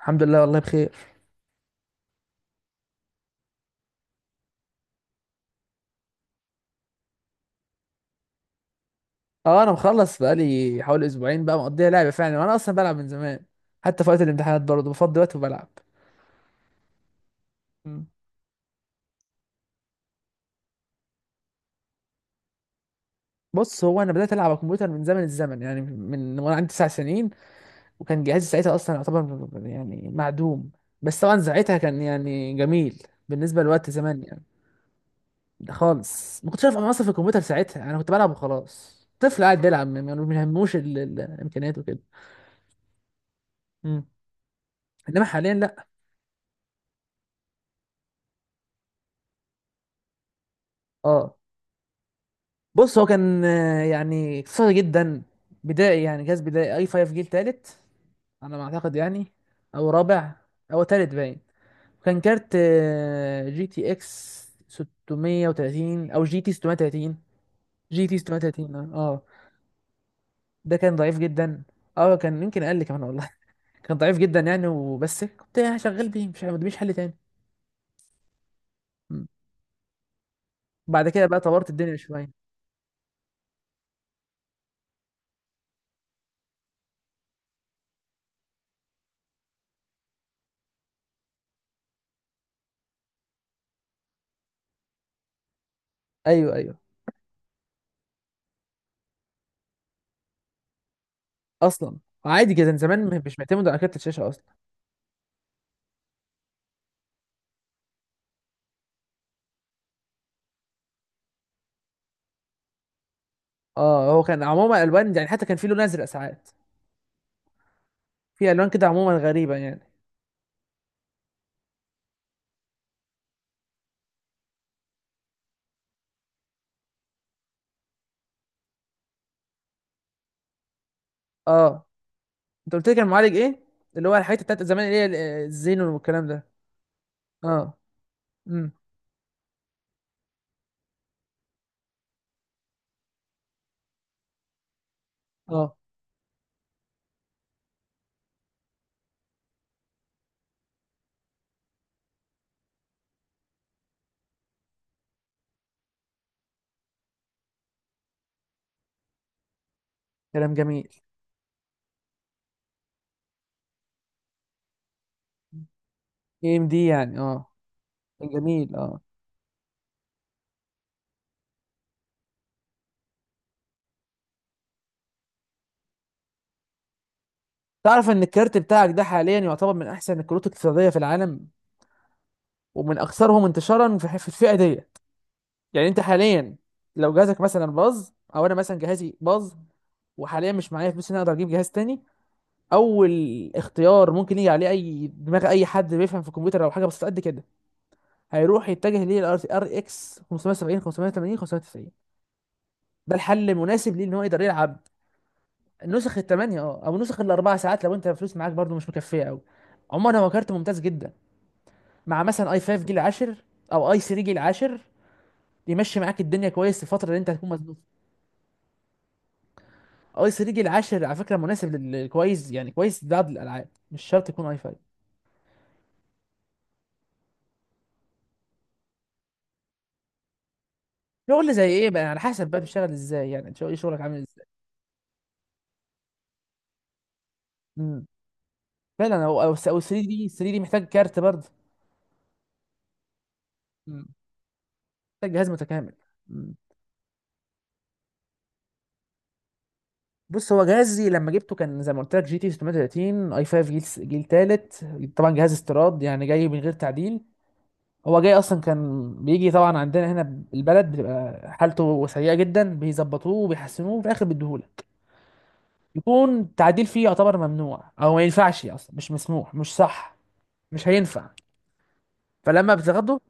الحمد لله والله بخير. اه، انا مخلص بقالي حوالي اسبوعين بقى مقضيها لعبه فعلا، وانا اصلا بلعب من زمان. حتى في وقت الامتحانات برضه بفضي وقت وبلعب. مم. بص، هو انا بدات العب على الكمبيوتر من زمن الزمن، يعني من وانا عندي تسع سنين. وكان جهازي ساعتها اصلا يعتبر يعني معدوم، بس طبعا ساعتها كان يعني جميل بالنسبه لوقت زمان يعني. ده خالص ما كنتش عارف انا اصلا في الكمبيوتر ساعتها، انا كنت بلعب وخلاص، طفل قاعد بيلعب ما يهموش الامكانيات وكده. مم. انما حاليا لا. اه. بص هو كان يعني اقتصادي جدا، بدائي، يعني جهاز بدائي. اي 5 جيل تالت على ما اعتقد يعني، او رابع، او تالت باين. كان كارت جي تي اكس 630، او جي تي 630، جي تي 630. ده كان ضعيف جدا، اه كان يمكن اقل كمان والله. كان ضعيف جدا يعني، وبس كنت شغال بيه، مش ما قداميش حل تاني. م. بعد كده بقى طورت الدنيا شويه. ايوه ايوه. اصلا عادي جدا زمان مش معتمد على كارت الشاشه اصلا. اه، هو كان عموما الوان يعني، حتى كان في لون ازرق ساعات. في الوان كده عموما غريبه يعني. اه. انت قلت لي كان معالج ايه؟ اللي هو الحته بتاعت زمان اللي هي الزينون والكلام ده. اه. امم. اه. كلام جميل. اي ام دي يعني، اه. جميل، اه. تعرف ان الكارت بتاعك ده حاليا يعتبر من احسن الكروت الاقتصاديه في العالم، ومن اكثرهم انتشارا في الفئه ديت. يعني انت حاليا، لو جهازك مثلا باظ، او انا مثلا جهازي باظ، وحاليا مش معايا فلوس ان أنا اقدر اجيب جهاز تاني، اول اختيار ممكن يجي عليه اي دماغ، اي حد بيفهم في الكمبيوتر او حاجه بسيطه قد كده، هيروح يتجه ليه الار اكس 570، 580، 590. ده الحل المناسب ليه ان هو يقدر يلعب. نسخ الثمانية اه، او نسخ الاربع ساعات لو انت فلوس معاك برضو مش مكفيه قوي. عموما هو كارت ممتاز جدا، مع مثلا اي 5 جيل 10، او اي 3 جيل 10. يمشي معاك الدنيا كويس في الفتره اللي انت هتكون مزنوق. اي 3 جيل 10 على فكره مناسب، للكويس يعني، كويس لبعض الالعاب، مش شرط يكون اي 5. شغل زي ايه بقى؟ على حسب بقى بتشتغل ازاي يعني، ايه شغلك عامل ازاي؟ مم. فعلا، هو او 3 دي، 3 دي محتاج كارت برضه. مم. محتاج جهاز متكامل. مم. بص هو جهازي لما جبته كان زي ما قلت لك: جي تي 630، اي 5 جيل تالت. طبعا جهاز استيراد يعني، جاي من غير تعديل. هو جاي اصلا، كان بيجي طبعا عندنا هنا، البلد بتبقى حالته سيئه جدا، بيظبطوه وبيحسنوه وفي الاخر بيديهولك. يكون التعديل فيه يعتبر ممنوع، او ما ينفعش اصلا، مش مسموح، مش صح، مش هينفع. فلما بتاخده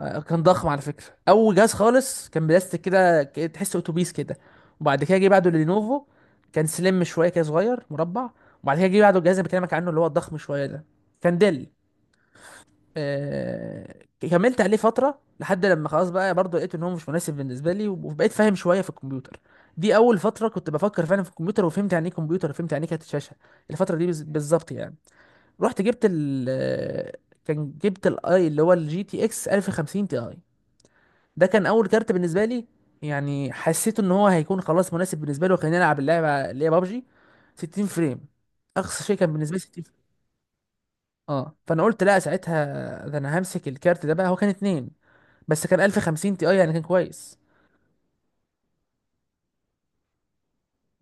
كان ضخم على فكرة. أول جهاز خالص كان بلاستيك كده، تحس أتوبيس كده. وبعد كده جه بعده لينوفو، كان سليم شوية كده، صغير مربع. وبعد كده جه بعده الجهاز اللي بكلمك عنه، اللي هو الضخم شوية ده. كان ديل. آه... كملت عليه فترة، لحد لما خلاص بقى برضه لقيت إن هو مش مناسب بالنسبة لي، وبقيت فاهم شوية في الكمبيوتر. دي أول فترة كنت بفكر فعلا في الكمبيوتر، وفهمت يعني إيه كمبيوتر، وفهمت يعني إيه كارت شاشة. الفترة دي بالظبط يعني. رحت جبت ال آه، كان جبت الاي اللي هو الجي تي اكس 1050 تي اي. ده كان اول كارت بالنسبه لي، يعني حسيت ان هو هيكون خلاص مناسب بالنسبه لي، وخليني العب اللعبه اللي هي بابجي 60 فريم. اقصى شيء كان بالنسبه لي 60 فريم. اه، فانا قلت لا ساعتها. ده انا همسك الكارت ده بقى، هو كان اتنين، بس كان 1050 تي اي يعني كان كويس.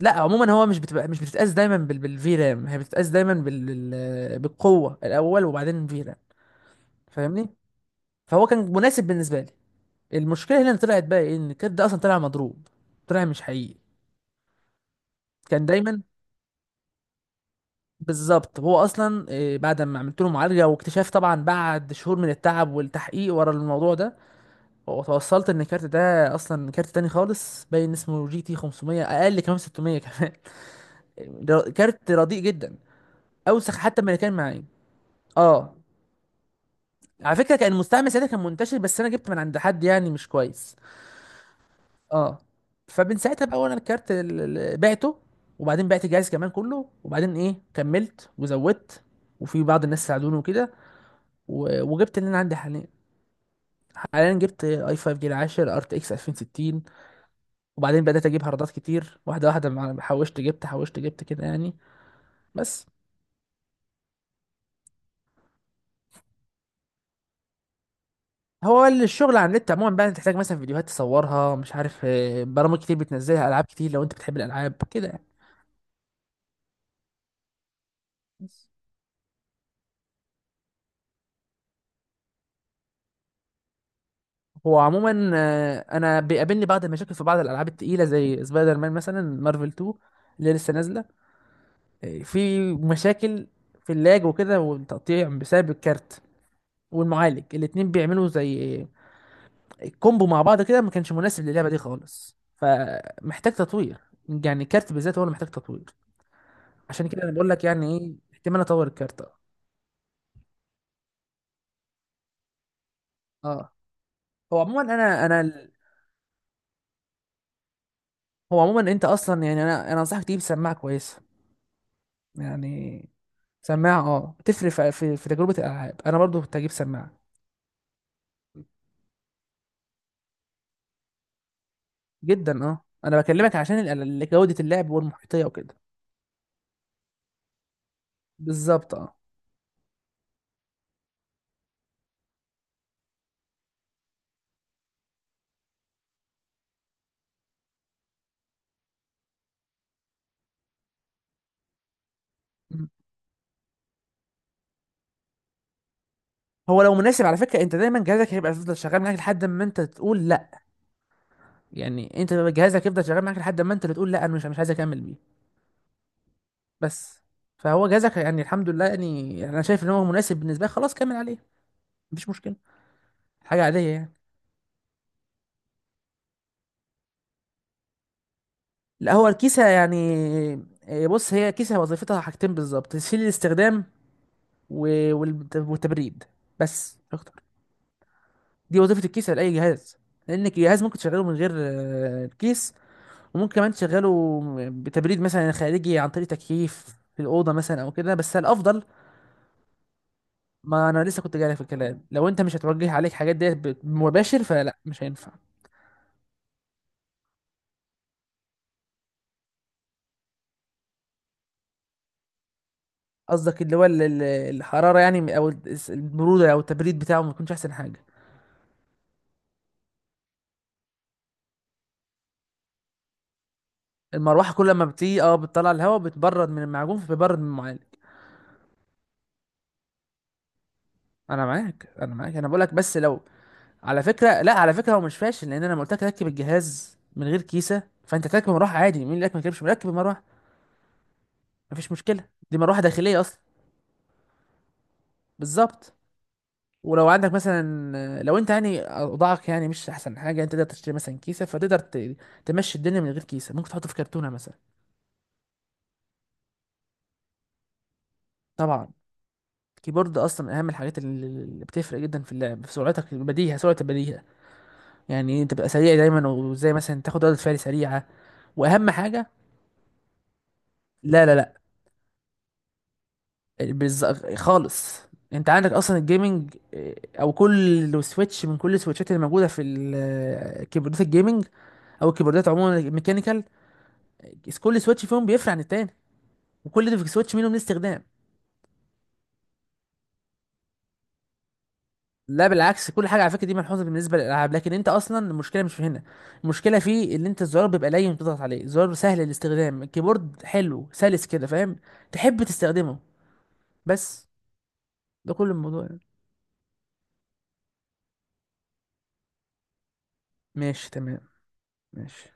لا، عموما هو مش بتتقاس دايما بالفي رام، هي بتتقاس دايما بالقوه الاول وبعدين في رام. فاهمني؟ فهو كان مناسب بالنسبه لي. المشكله هنا اللي طلعت بقى ايه، ان الكارت ده اصلا طلع مضروب، طلع مش حقيقي. كان دايما، بالظبط هو اصلا بعد ما عملت له معالجه واكتشاف طبعا بعد شهور من التعب والتحقيق ورا الموضوع ده، وتوصلت ان الكارت ده اصلا كارت تاني خالص، باين اسمه جي تي 500 اقل، كمان 600 كمان. كارت رديء جدا، اوسخ حتى من اللي كان معايا. اه. على فكره كان المستعمل ساعتها كان منتشر، بس انا جبت من عند حد يعني مش كويس. اه. فمن ساعتها بقى وانا الكارت بعته، وبعدين بعت الجهاز كمان كله، وبعدين ايه، كملت وزودت، وفي بعض الناس ساعدوني وكده، وجبت اللي انا عندي حاليا. حاليا جبت اي 5 جيل 10 ار تي اكس 2060، وبعدين بدات اجيب هاردات كتير، واحده واحده، حوشت جبت، حوشت جبت كده يعني. بس. هو الشغل على النت عموما بقى تحتاج مثلا فيديوهات تصورها، مش عارف، برامج كتير بتنزلها، العاب كتير لو انت بتحب الالعاب كده يعني. بس. هو عموما انا بيقابلني بعض المشاكل في بعض الالعاب التقيله زي سبايدر مان مثلا، مارفل 2 اللي لسه نازله. في مشاكل، في اللاج وكده والتقطيع بسبب الكارت والمعالج. الاتنين بيعملوا زي كومبو مع بعض كده، ما كانش مناسب للعبه دي خالص، فمحتاج تطوير، يعني كارت بالذات هو اللي محتاج تطوير. عشان كده انا بقول لك يعني ايه احتمال اطور الكارت، اه. آه. هو عموما انا انا ال- هو عموما انت اصلا يعني انا انصحك تجيب سماعه كويسه، يعني سماعه، اه. بتفرق في تجربه الالعاب. انا برضو كنت هجيب سماعه جدا. اه، انا بكلمك عشان جوده اللعب والمحيطيه وكده، بالظبط اه. هو لو مناسب، على فكره، انت دايما جهازك هيبقى يفضل شغال معاك لحد ما انت تقول لا. يعني انت جهازك يفضل شغال معاك لحد ما انت اللي تقول لا، انا مش عايز اكمل بيه. بس. فهو جهازك يعني الحمد لله، يعني انا شايف ان هو مناسب بالنسبه لي، خلاص كمل عليه، مفيش مشكله. حاجه عاديه يعني. لا، هو الكيسه يعني بص هي كيسه وظيفتها حاجتين بالظبط: تسهيل الاستخدام والتبريد، بس مش اكتر. دي وظيفه الكيسه لاي جهاز. لان الجهاز ممكن تشغله من غير الكيس، وممكن كمان تشغله بتبريد مثلا خارجي عن طريق تكييف في الأوضة مثلا أو كده، بس الأفضل. ما أنا لسه كنت جاي في الكلام، لو أنت مش هتوجه عليك حاجات ديت مباشر فلا مش هينفع. قصدك اللي هو الحرارة يعني، أو البرودة، أو التبريد بتاعه ما بيكونش أحسن حاجة. المروحة كل ما بتيجي أه بتطلع الهواء، بتبرد من المعجون، فبيبرد من المعالج. أنا معاك أنا بقولك بس لو، على فكرة. لا، على فكرة هو مش فاشل، لأن أنا لما قلت لك ركب الجهاز من غير كيسة فأنت تركب مروحة عادي. مين اللي قالك ما تركبش؟ مركب المروحة، مفيش مشكله. دي مروحه داخليه اصلا. بالظبط. ولو عندك مثلا، لو انت يعني اوضاعك يعني مش احسن حاجه، انت تقدر تشتري مثلا كيسه، فتقدر تمشي الدنيا من غير كيسه، ممكن تحطه في كرتونه مثلا. طبعا. الكيبورد اصلا اهم الحاجات اللي بتفرق جدا في اللعب، في سرعتك البديهه، سرعه البديهه. يعني إيه؟ تبقى سريع دايما، وزي مثلا تاخد ردة فعل سريعه. واهم حاجه، لا لا لا بالز... خالص. انت عندك اصلا الجيمنج او كل سويتش من كل السويتشات اللي موجوده في كيبوردات الجيمنج، او الكيبوردات عموما الميكانيكال. كل سويتش فيهم بيفرق عن التاني، وكل ده في سويتش منهم ليه استخدام. لا بالعكس، كل حاجه على فكره دي ملحوظه بالنسبه للالعاب، لكن انت اصلا المشكله مش في هنا. المشكله في ان انت الزرار بيبقى لين، بتضغط عليه الزرار سهل الاستخدام، الكيبورد حلو سلس كده، فاهم. تحب تستخدمه. بس. ده كل الموضوع يعني. ماشي تمام ماشي.